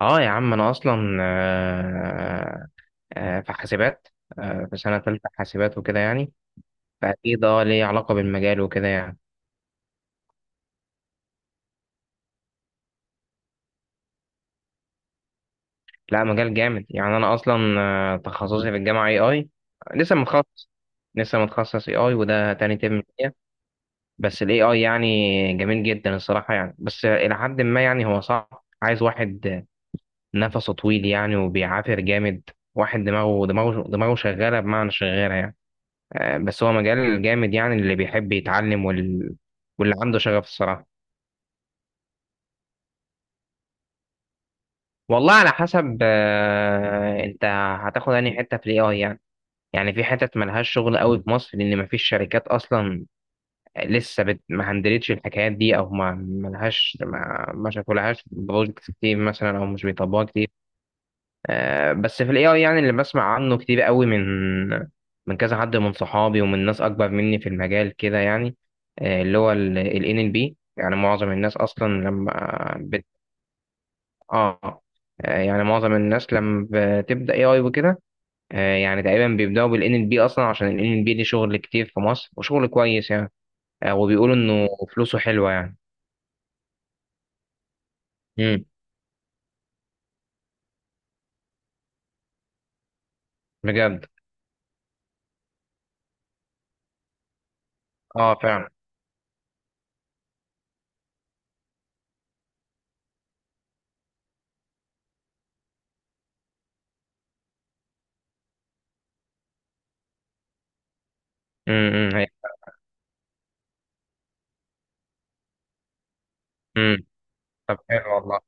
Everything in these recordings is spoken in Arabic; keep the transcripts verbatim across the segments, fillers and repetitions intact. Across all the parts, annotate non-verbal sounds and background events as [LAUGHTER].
اه يا عم انا اصلا آه، آه، في حاسبات آه، في سنه تالته حاسبات وكده يعني. فاكيد اه ليه علاقه بالمجال وكده يعني. لا، مجال جامد يعني. انا اصلا آه، تخصصي في الجامعه اي اي. لسه متخصص لسه متخصص اي اي وده تاني ترم ليا. بس الاي اي يعني جميل جدا الصراحه يعني، بس الى حد ما يعني. هو صعب، عايز واحد نفسه طويل يعني وبيعافر جامد. واحد دماغه دماغه دماغه شغاله، بمعنى شغاله يعني. آه، بس هو مجال جامد يعني اللي بيحب يتعلم وال... واللي عنده شغف الصراحة. والله على حسب آه، انت هتاخد انهي حتة في الاي اي يعني. يعني في حتت ملهاش شغل قوي في مصر لان مفيش شركات اصلا لسه بت... ما هندلتش الحكايات دي، او ما ملهاش ما, ما شافولهاش بروجكت كتير مثلا، او مش بيطبقوها كتير. آه، بس في الاي اي يعني اللي بسمع عنه كتير قوي من من كذا حد من صحابي ومن ناس اكبر مني في المجال كده يعني. آه، اللي هو ال ان ال بي، يعني معظم الناس اصلا لما بت... اه. آه، يعني معظم الناس لما بتبدا اي اي وكده آه، يعني تقريبا بيبداوا بالان ال بي اصلا، عشان الان ال بي دي شغل كتير في مصر وشغل كويس يعني. آه، وبيقولوا انه فلوسه حلوه يعني. امم. بجد. اه فعلا. امم، امم. هي امم طب حلو والله.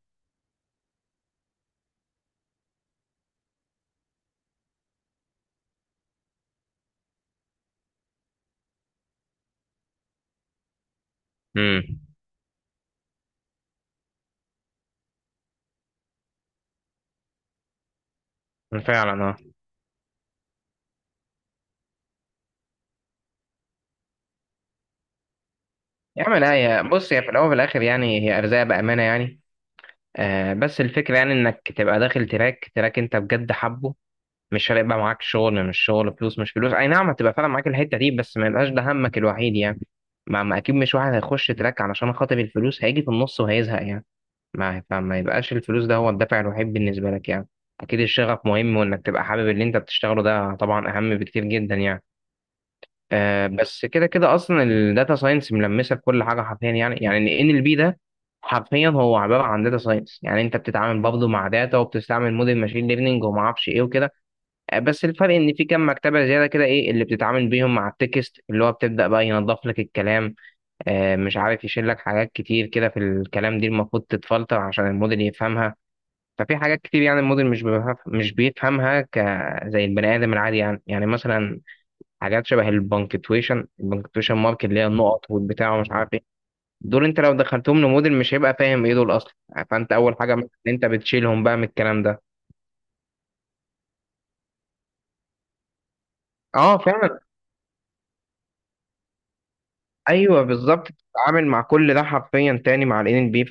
امم. فعلا آه. يا عم لا، يا بص، هي في الاول وفي الاخر يعني هي ارزاق بامانه يعني. آه بس الفكره يعني انك تبقى داخل تراك، تراك انت بجد حبه، مش فارق بقى معاك شغل مش شغل، فلوس مش فلوس. اي نعم، هتبقى فعلا معاك الحته دي، بس ما يبقاش ده همك الوحيد يعني. ما ما اكيد مش واحد هيخش تراك علشان خاطر الفلوس، هيجي في النص وهيزهق يعني. ما فما يبقاش الفلوس ده هو الدافع الوحيد بالنسبه لك يعني. اكيد الشغف مهم، وانك تبقى حابب اللي انت بتشتغله ده طبعا اهم بكتير جدا يعني. آه بس كده كده اصلا الداتا ساينس ملمسه في كل حاجه حرفيا يعني. يعني ان ال بي ده حرفيا هو عباره عن داتا ساينس يعني، انت بتتعامل برضه مع داتا وبتستعمل موديل ماشين ليرنينج وما اعرفش ايه وكده. آه، بس الفرق ان في كام مكتبه زياده كده ايه اللي بتتعامل بيهم مع التكست، اللي هو بتبدا بقى ينظف لك الكلام، آه مش عارف، يشيل لك حاجات كتير كده في الكلام دي المفروض تتفلتر عشان الموديل يفهمها. ففي حاجات كتير يعني الموديل مش بيفهم مش بيفهمها ك زي البني ادم العادي يعني. يعني مثلا حاجات شبه البنكتويشن، البنكتويشن مارك، اللي هي النقط والبتاع ومش عارف ايه. دول انت لو دخلتهم لموديل مش هيبقى فاهم ايه دول اصلا. فانت اول حاجه مثلاً إن انت بتشيلهم بقى من الكلام ده. اه فعلا. ايوه بالظبط، بتتعامل مع كل ده حرفيا تاني مع الان ال ان بي.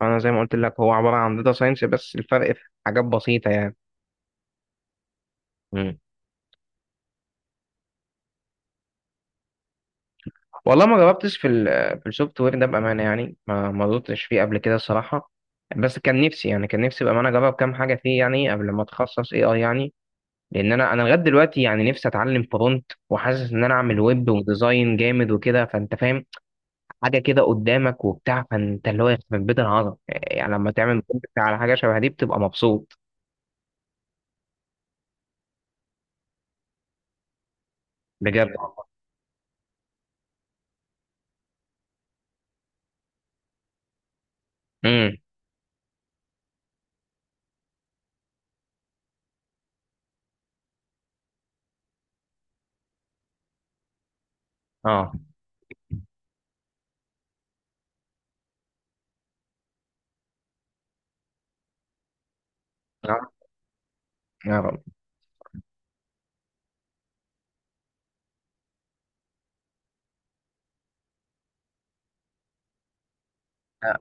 فانا زي ما قلت لك هو عباره عن داتا ساينس، بس الفرق في حاجات بسيطه يعني. مم. والله ما جربتش في ال... في السوفت وير ده بامانه يعني، ما ما دورتش فيه قبل كده الصراحه. بس كان نفسي يعني، كان نفسي بامانه اجرب كام حاجه فيه يعني قبل ما اتخصص اي اي يعني. لان انا انا لغايه دلوقتي يعني نفسي اتعلم فرونت، وحاسس ان انا اعمل ويب وديزاين جامد وكده، فانت فاهم، حاجه كده قدامك وبتاع. فانت اللي هو يخرب بيت العظمه يعني لما تعمل كونتنت على حاجه شبه دي بتبقى مبسوط. بجد. امم. اه. اه. آه.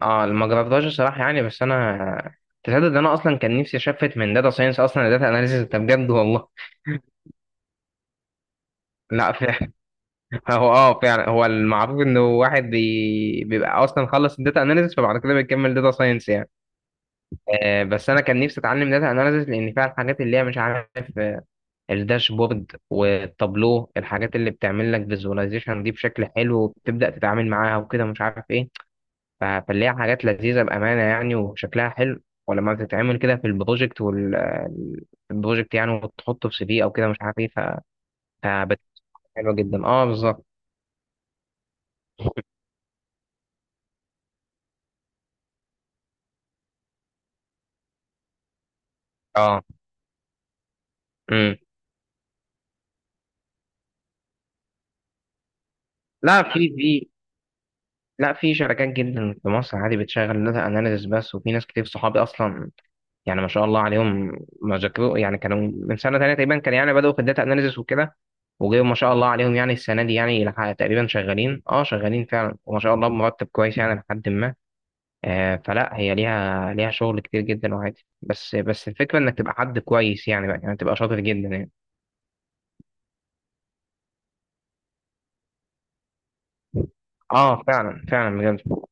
آه، ما جربتهاش الصراحه يعني، بس انا تصدق ان انا اصلا كان نفسي اشفت من داتا ساينس اصلا لداتا اناليسيس ده بجد والله. لا فعلا. [LAUGHS] هو اه فعلا، هو المعروف انه واحد بي... بيبقى اصلا خلص الداتا اناليسيس فبعد كده بيكمل داتا ساينس يعني. آه، بس انا كان نفسي اتعلم داتا اناليسيس لان فيها الحاجات اللي هي مش عارف آه، الداشبورد والتابلو، الحاجات اللي بتعمل لك فيزواليزيشن دي بشكل حلو وبتبدا تتعامل معاها وكده مش عارف ايه. ف- فاللي هي حاجات لذيذه بامانه يعني وشكلها حلو. ولما بتتعمل كده في البروجكت والبروجكت يعني وتحطه في سي في او كده مش عارف ايه ف- فبتبقى حلوه جدا، اه بالظبط. اه. امم. لا في في... لا في شركات جدا في مصر عادي بتشغل داتا اناليسيس بس، وفي ناس كتير صحابي اصلا يعني ما شاء الله عليهم ما ذاكروا يعني، كانوا من سنه تانية تقريبا كان يعني بداوا في الداتا اناليسيس وكده، وجايب ما شاء الله عليهم يعني السنه دي يعني لح- تقريبا شغالين، اه شغالين فعلا وما شاء الله بمرتب كويس يعني لحد ما. آه فلا هي ليها، ليها شغل كتير جدا وعادي، بس بس الفكره انك تبقى حد كويس يعني بقى، يعني تبقى شاطر جدا يعني. اه فعلا، فعلا بجد.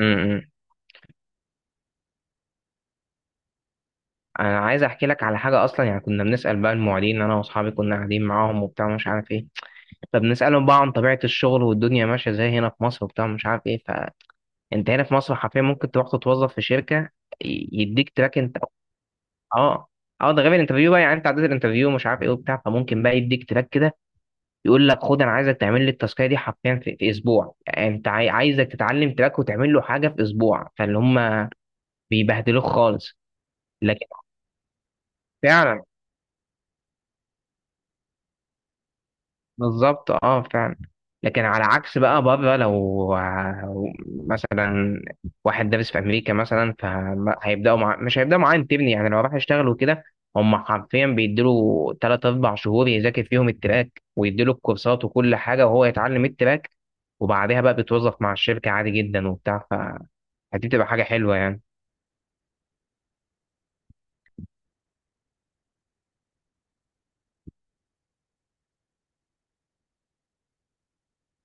امم. انا عايز احكي لك على حاجه اصلا يعني. كنا بنسال بقى المعيدين، انا واصحابي كنا قاعدين معاهم وبتاع مش عارف ايه، فبنسألهم بقى عن طبيعة الشغل والدنيا ماشية ازاي هنا في مصر وبتاع مش عارف ايه. فانت هنا في مصر حرفيا ممكن تروح تتوظف في شركة، ي- يديك تراك انت. اه. اه ده غير الانترفيو بقى يعني، انت عديت الانترفيو مش عارف ايه وبتاع، فممكن بقى يديك تراك كده، يقول لك خد انا عايزك تعمل لي التاسكية دي حرفيا في, في اسبوع. يعني انت عاي- عايزك تتعلم تراك وتعمل له حاجة في اسبوع. فاللي هم بيبهدلوك خالص. لكن فعلا، بالظبط اه فعلا. لكن على عكس بقى بره، لو ع- مثلا واحد دارس في امريكا مثلا، فهيبداوا مع... مش هيبداوا معاه انترن يعني لو راح يشتغل وكده. هم حرفيا بيديله تلاته اربع شهور يذاكر فيهم التراك، ويديله الكورسات وكل حاجه وهو يتعلم التراك، وبعدها بقى بيتوظف مع الشركه عادي جدا وبتاع. فدي بتبقى حاجه حلوه يعني.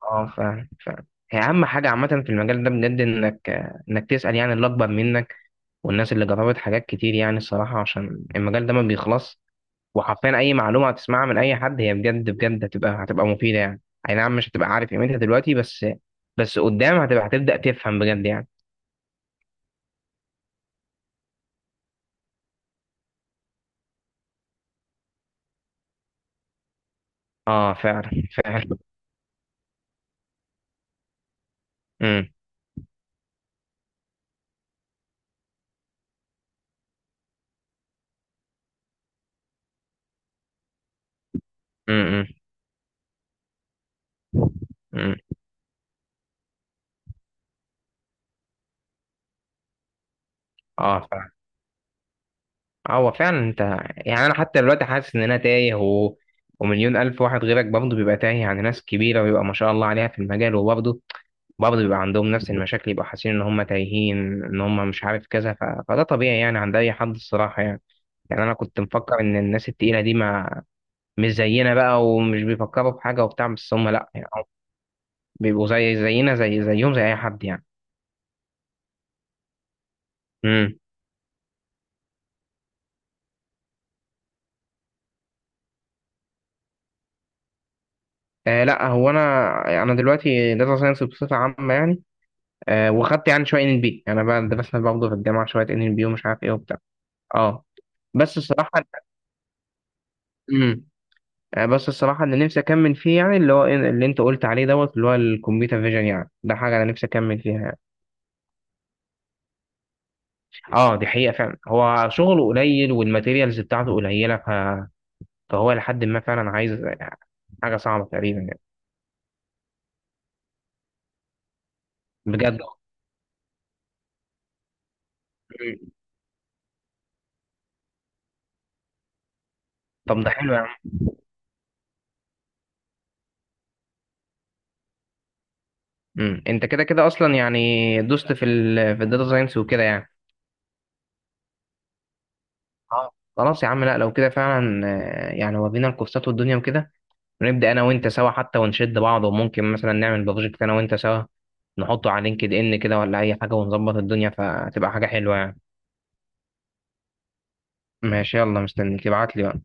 اه ف... ف... هي اهم حاجه عامه في المجال ده بجد انك، انك تسال يعني اللي اكبر منك والناس اللي جربت حاجات كتير يعني الصراحة، عشان المجال ده ما بيخلص. وحرفيا أي معلومة هتسمعها من أي حد هي بجد بجد هتبقى هتبقى مفيدة يعني. أي نعم، مش هتبقى عارف قيمتها دلوقتي، بس بس قدام هتبقى هتبدأ تفهم بجد يعني. اه فعلا، فعلا. [LAUGHS] امم. امم. امم. امم. اه فعلا. آه، هو فعلا انت، يعني انا حتى دلوقتي حاسس ان انا تايه و... ومليون الف واحد غيرك برضه بيبقى تايه، عن ناس كبيره ويبقى ما شاء الله عليها في المجال، وبرضه برضه بيبقى عندهم نفس المشاكل، يبقى حاسين ان هم تايهين، ان هم مش عارف كذا. ف... فده طبيعي يعني عند اي حد الصراحه يعني. يعني انا كنت مفكر ان الناس التقيله دي ما مش زينا بقى ومش بيفكروا في حاجه وبتاع، بس هم لا يعني، هم بيبقوا زي زينا، زي زيهم زي اي حد يعني. امم. آه لا، هو انا يعني انا دلوقتي داتا ساينس بصفه عامه يعني. آه وخدت يعني شويه ان ال بي، انا بقى درسنا برضه في الجامعه شويه ان ال بي ومش عارف ايه وبتاع. اه بس الصراحه، امم، آه بس الصراحه اللي نفسي اكمل فيه يعني، اللي هو إيه اللي انت قلت عليه دوت، اللي هو الكمبيوتر فيجن يعني، ده حاجه انا نفسي اكمل فيها يعني. اه دي حقيقه فعلا، هو شغله قليل والماتيريالز بتاعته قليله ف... فهو لحد ما فعلا عايز حاجه صعبه تقريبا يعني. بجد. مم. طب ده حلو يا عم. مم. انت كده كده اصلا يعني دوست في ال... في الداتا ساينس وكده يعني. اه. خلاص يا عم، لا لو كده فعلا آه، يعني ورينا الكورسات والدنيا وكده، ونبدا انا وانت سوا حتى ونشد بعض، وممكن مثلا نعمل بروجكت انا وانت سوا، نحطه على لينكد ان كده ولا اي حاجه، ونظبط الدنيا فتبقى حاجه حلوه يعني. ماشي، يلا مستنيك ابعت لي بقى.